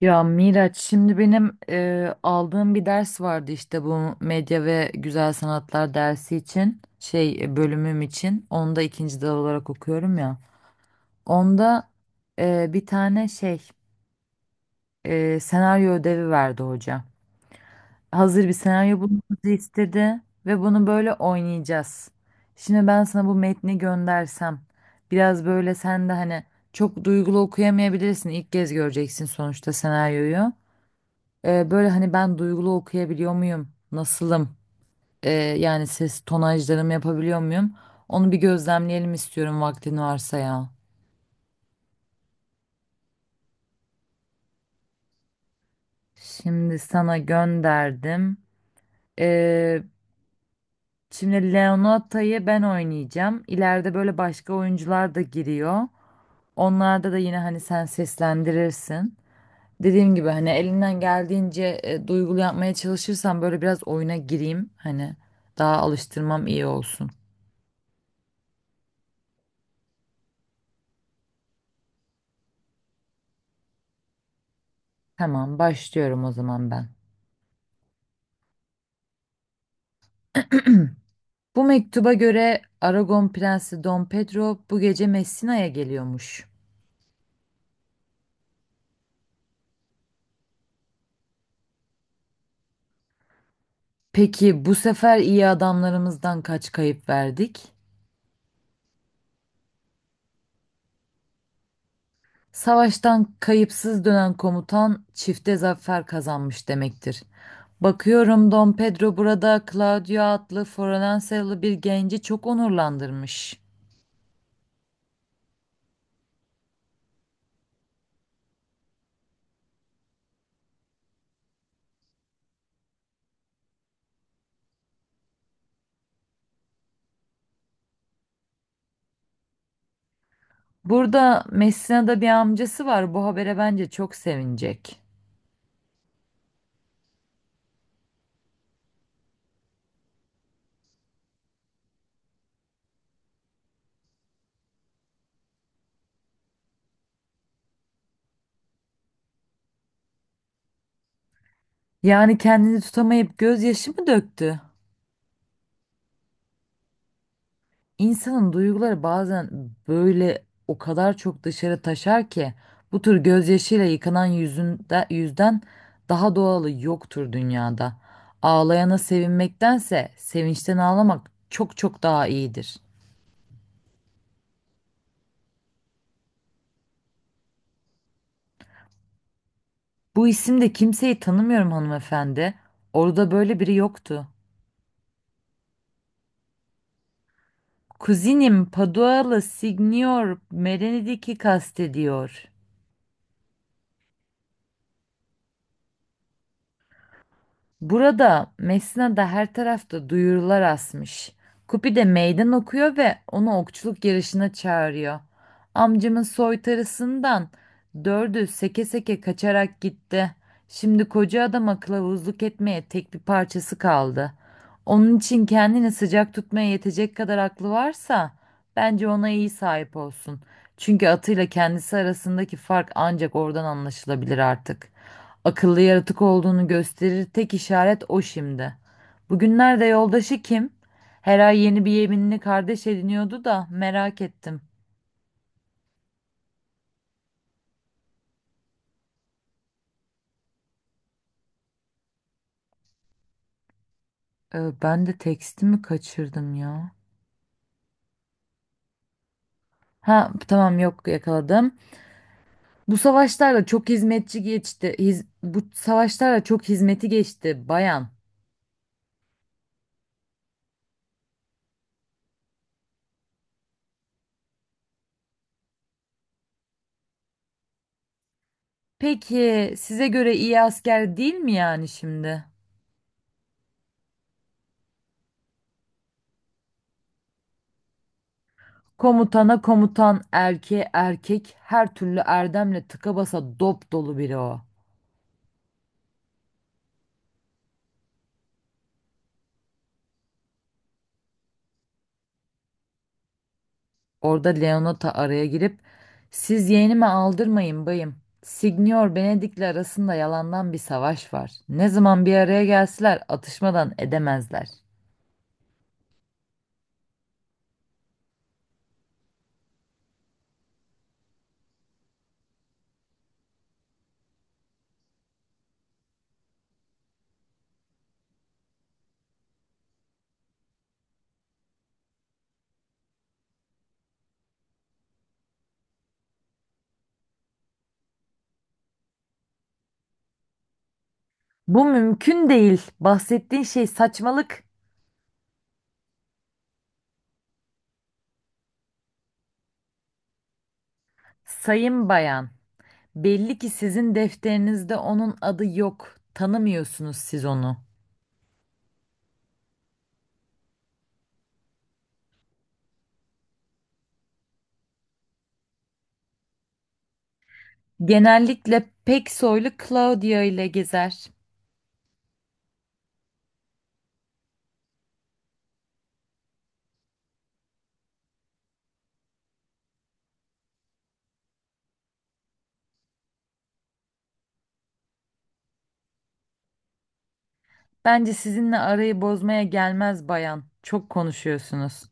Ya Miraç, şimdi benim aldığım bir ders vardı, işte bu medya ve güzel sanatlar dersi için, bölümüm için onu da ikinci dal olarak okuyorum ya. Onda bir tane senaryo ödevi verdi hoca. Hazır bir senaryo bulmamızı istedi ve bunu böyle oynayacağız. Şimdi ben sana bu metni göndersem, biraz böyle sen de hani çok duygulu okuyamayabilirsin, ilk kez göreceksin sonuçta senaryoyu. Böyle hani ben duygulu okuyabiliyor muyum? Nasılım? Ee, yani ses tonajlarımı yapabiliyor muyum? Onu bir gözlemleyelim istiyorum, vaktin varsa ya. Şimdi sana gönderdim. Ee, şimdi Leonata'yı ben oynayacağım. İleride böyle başka oyuncular da giriyor. Onlarda da yine hani sen seslendirirsin. Dediğim gibi hani elinden geldiğince duygulu yapmaya çalışırsan, böyle biraz oyuna gireyim. Hani daha alıştırmam iyi olsun. Tamam, başlıyorum o zaman ben. Bu mektuba göre Aragon Prensi Dom Pedro bu gece Messina'ya geliyormuş. Peki bu sefer iyi adamlarımızdan kaç kayıp verdik? Savaştan kayıpsız dönen komutan çifte zafer kazanmış demektir. Bakıyorum Dom Pedro burada Claudio adlı Floransalı bir genci çok onurlandırmış. Burada Messina'da bir amcası var. Bu habere bence çok sevinecek. Yani kendini tutamayıp gözyaşı mı döktü? İnsanın duyguları bazen böyle o kadar çok dışarı taşar ki bu tür gözyaşıyla yıkanan yüzünde, yüzden daha doğalı yoktur dünyada. Ağlayana sevinmektense sevinçten ağlamak çok çok daha iyidir. Bu isimde kimseyi tanımıyorum hanımefendi. Orada böyle biri yoktu. Kuzinim Padualı Signor Merenidik'i kastediyor. Burada Mesna'da her tarafta duyurular asmış. Kupi de meydan okuyor ve onu okçuluk yarışına çağırıyor. Amcamın soytarısından dördü seke seke kaçarak gitti. Şimdi koca adama kılavuzluk etmeye tek bir parçası kaldı. Onun için kendini sıcak tutmaya yetecek kadar aklı varsa, bence ona iyi sahip olsun. Çünkü atıyla kendisi arasındaki fark ancak oradan anlaşılabilir artık. Akıllı yaratık olduğunu gösterir tek işaret o şimdi. Bugünlerde yoldaşı kim? Her ay yeni bir yeminli kardeş ediniyordu da merak ettim. Ben de tekstimi kaçırdım ya. Ha tamam, yok, yakaladım. Bu savaşlarla çok hizmetçi geçti. Bu savaşlarla çok hizmeti geçti bayan. Peki size göre iyi asker değil mi yani şimdi? Komutana komutan, erkeğe erkek, her türlü erdemle tıka basa dop dolu biri o. Orada Leonota araya girip siz yeğenime aldırmayın bayım. Signor Benedik'le arasında yalandan bir savaş var. Ne zaman bir araya gelseler atışmadan edemezler. Bu mümkün değil. Bahsettiğin şey saçmalık. Sayın bayan, belli ki sizin defterinizde onun adı yok. Tanımıyorsunuz siz onu. Genellikle pek soylu Claudia ile gezer. Bence sizinle arayı bozmaya gelmez bayan. Çok konuşuyorsunuz.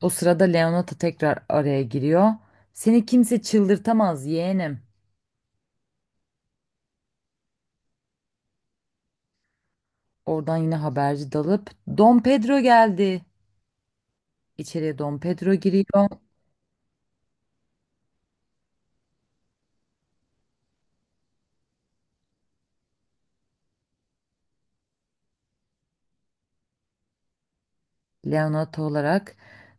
O sırada Leonata tekrar araya giriyor. Seni kimse çıldırtamaz yeğenim. Oradan yine haberci dalıp Don Pedro geldi. İçeriye Don Pedro giriyor. Leonata olarak.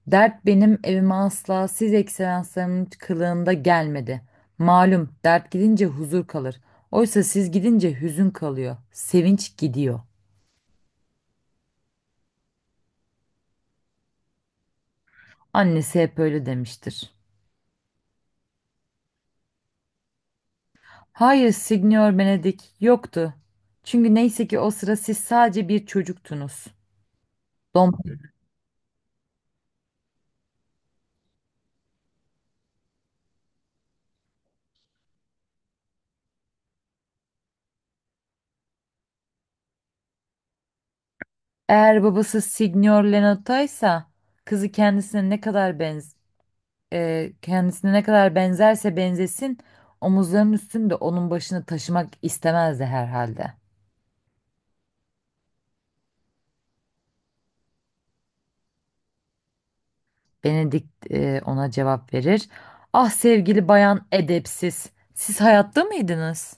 Dert benim evime asla siz ekselanslarımın kılığında gelmedi. Malum dert gidince huzur kalır. Oysa siz gidince hüzün kalıyor. Sevinç gidiyor. Annesi hep öyle demiştir. Hayır Signor Benedik, yoktu. Çünkü neyse ki o sıra siz sadece bir çocuktunuz. Dom Eğer babası Signor Lenotto ise, kızı kendisine ne kadar kendisine ne kadar benzerse benzesin, omuzlarının üstünde onun başını taşımak istemezdi herhalde. Benedikt ona cevap verir. Ah sevgili bayan edepsiz. Siz hayatta mıydınız?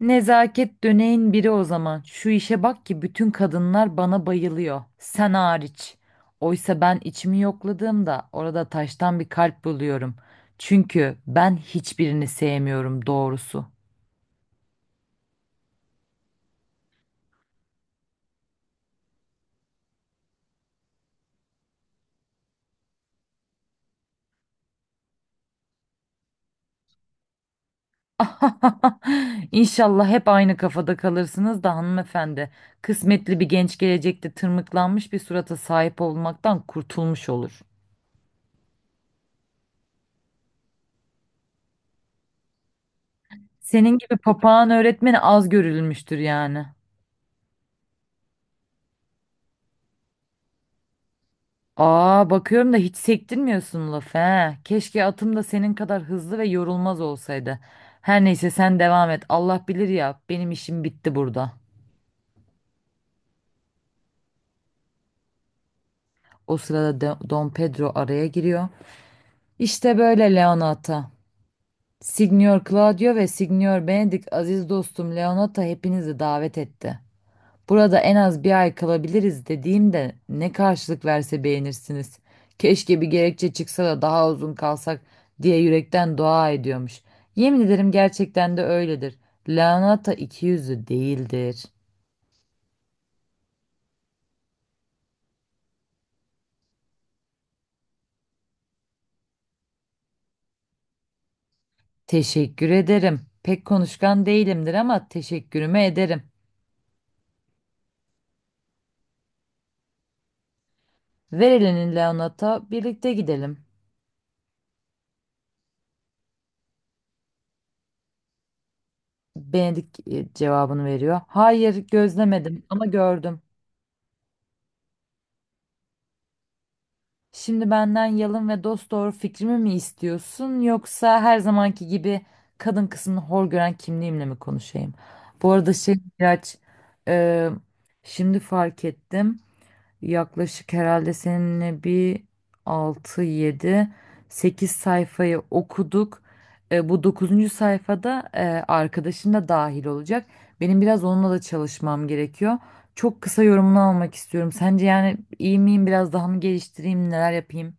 Nezaket döneğin biri o zaman. Şu işe bak ki bütün kadınlar bana bayılıyor. Sen hariç. Oysa ben içimi yokladığımda orada taştan bir kalp buluyorum. Çünkü ben hiçbirini sevmiyorum doğrusu. İnşallah hep aynı kafada kalırsınız da hanımefendi. Kısmetli bir genç gelecekte tırmıklanmış bir surata sahip olmaktan kurtulmuş olur. Senin gibi papağan öğretmeni az görülmüştür yani. Aa bakıyorum da hiç sektirmiyorsun lafı, he. Keşke atım da senin kadar hızlı ve yorulmaz olsaydı. Her neyse sen devam et. Allah bilir ya, benim işim bitti burada. O sırada Don Pedro araya giriyor. İşte böyle Leonata. Signor Claudio ve Signor Benedict, aziz dostum Leonata hepinizi davet etti. Burada en az bir ay kalabiliriz dediğimde ne karşılık verse beğenirsiniz. Keşke bir gerekçe çıksa da daha uzun kalsak diye yürekten dua ediyormuş. Yemin ederim gerçekten de öyledir. Lanata ikiyüzlü değildir. Teşekkür ederim. Pek konuşkan değilimdir ama teşekkürümü ederim. Ver elini Leonata, birlikte gidelim. Benedik cevabını veriyor. Hayır, gözlemedim ama gördüm. Şimdi benden yalın ve dosdoğru fikrimi mi istiyorsun, yoksa her zamanki gibi kadın kısmını hor gören kimliğimle mi konuşayım? Bu arada biraz e, şimdi fark ettim, yaklaşık herhalde seninle bir 6 7 8 sayfayı okuduk. Bu dokuzuncu sayfada arkadaşın da dahil olacak. Benim biraz onunla da çalışmam gerekiyor. Çok kısa yorumunu almak istiyorum. Sence yani iyi miyim? Biraz daha mı geliştireyim? Neler yapayım?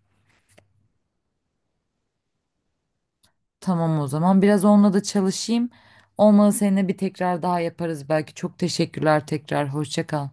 Tamam o zaman. Biraz onunla da çalışayım. Olmadı seninle bir tekrar daha yaparız belki. Çok teşekkürler tekrar. Hoşça kal.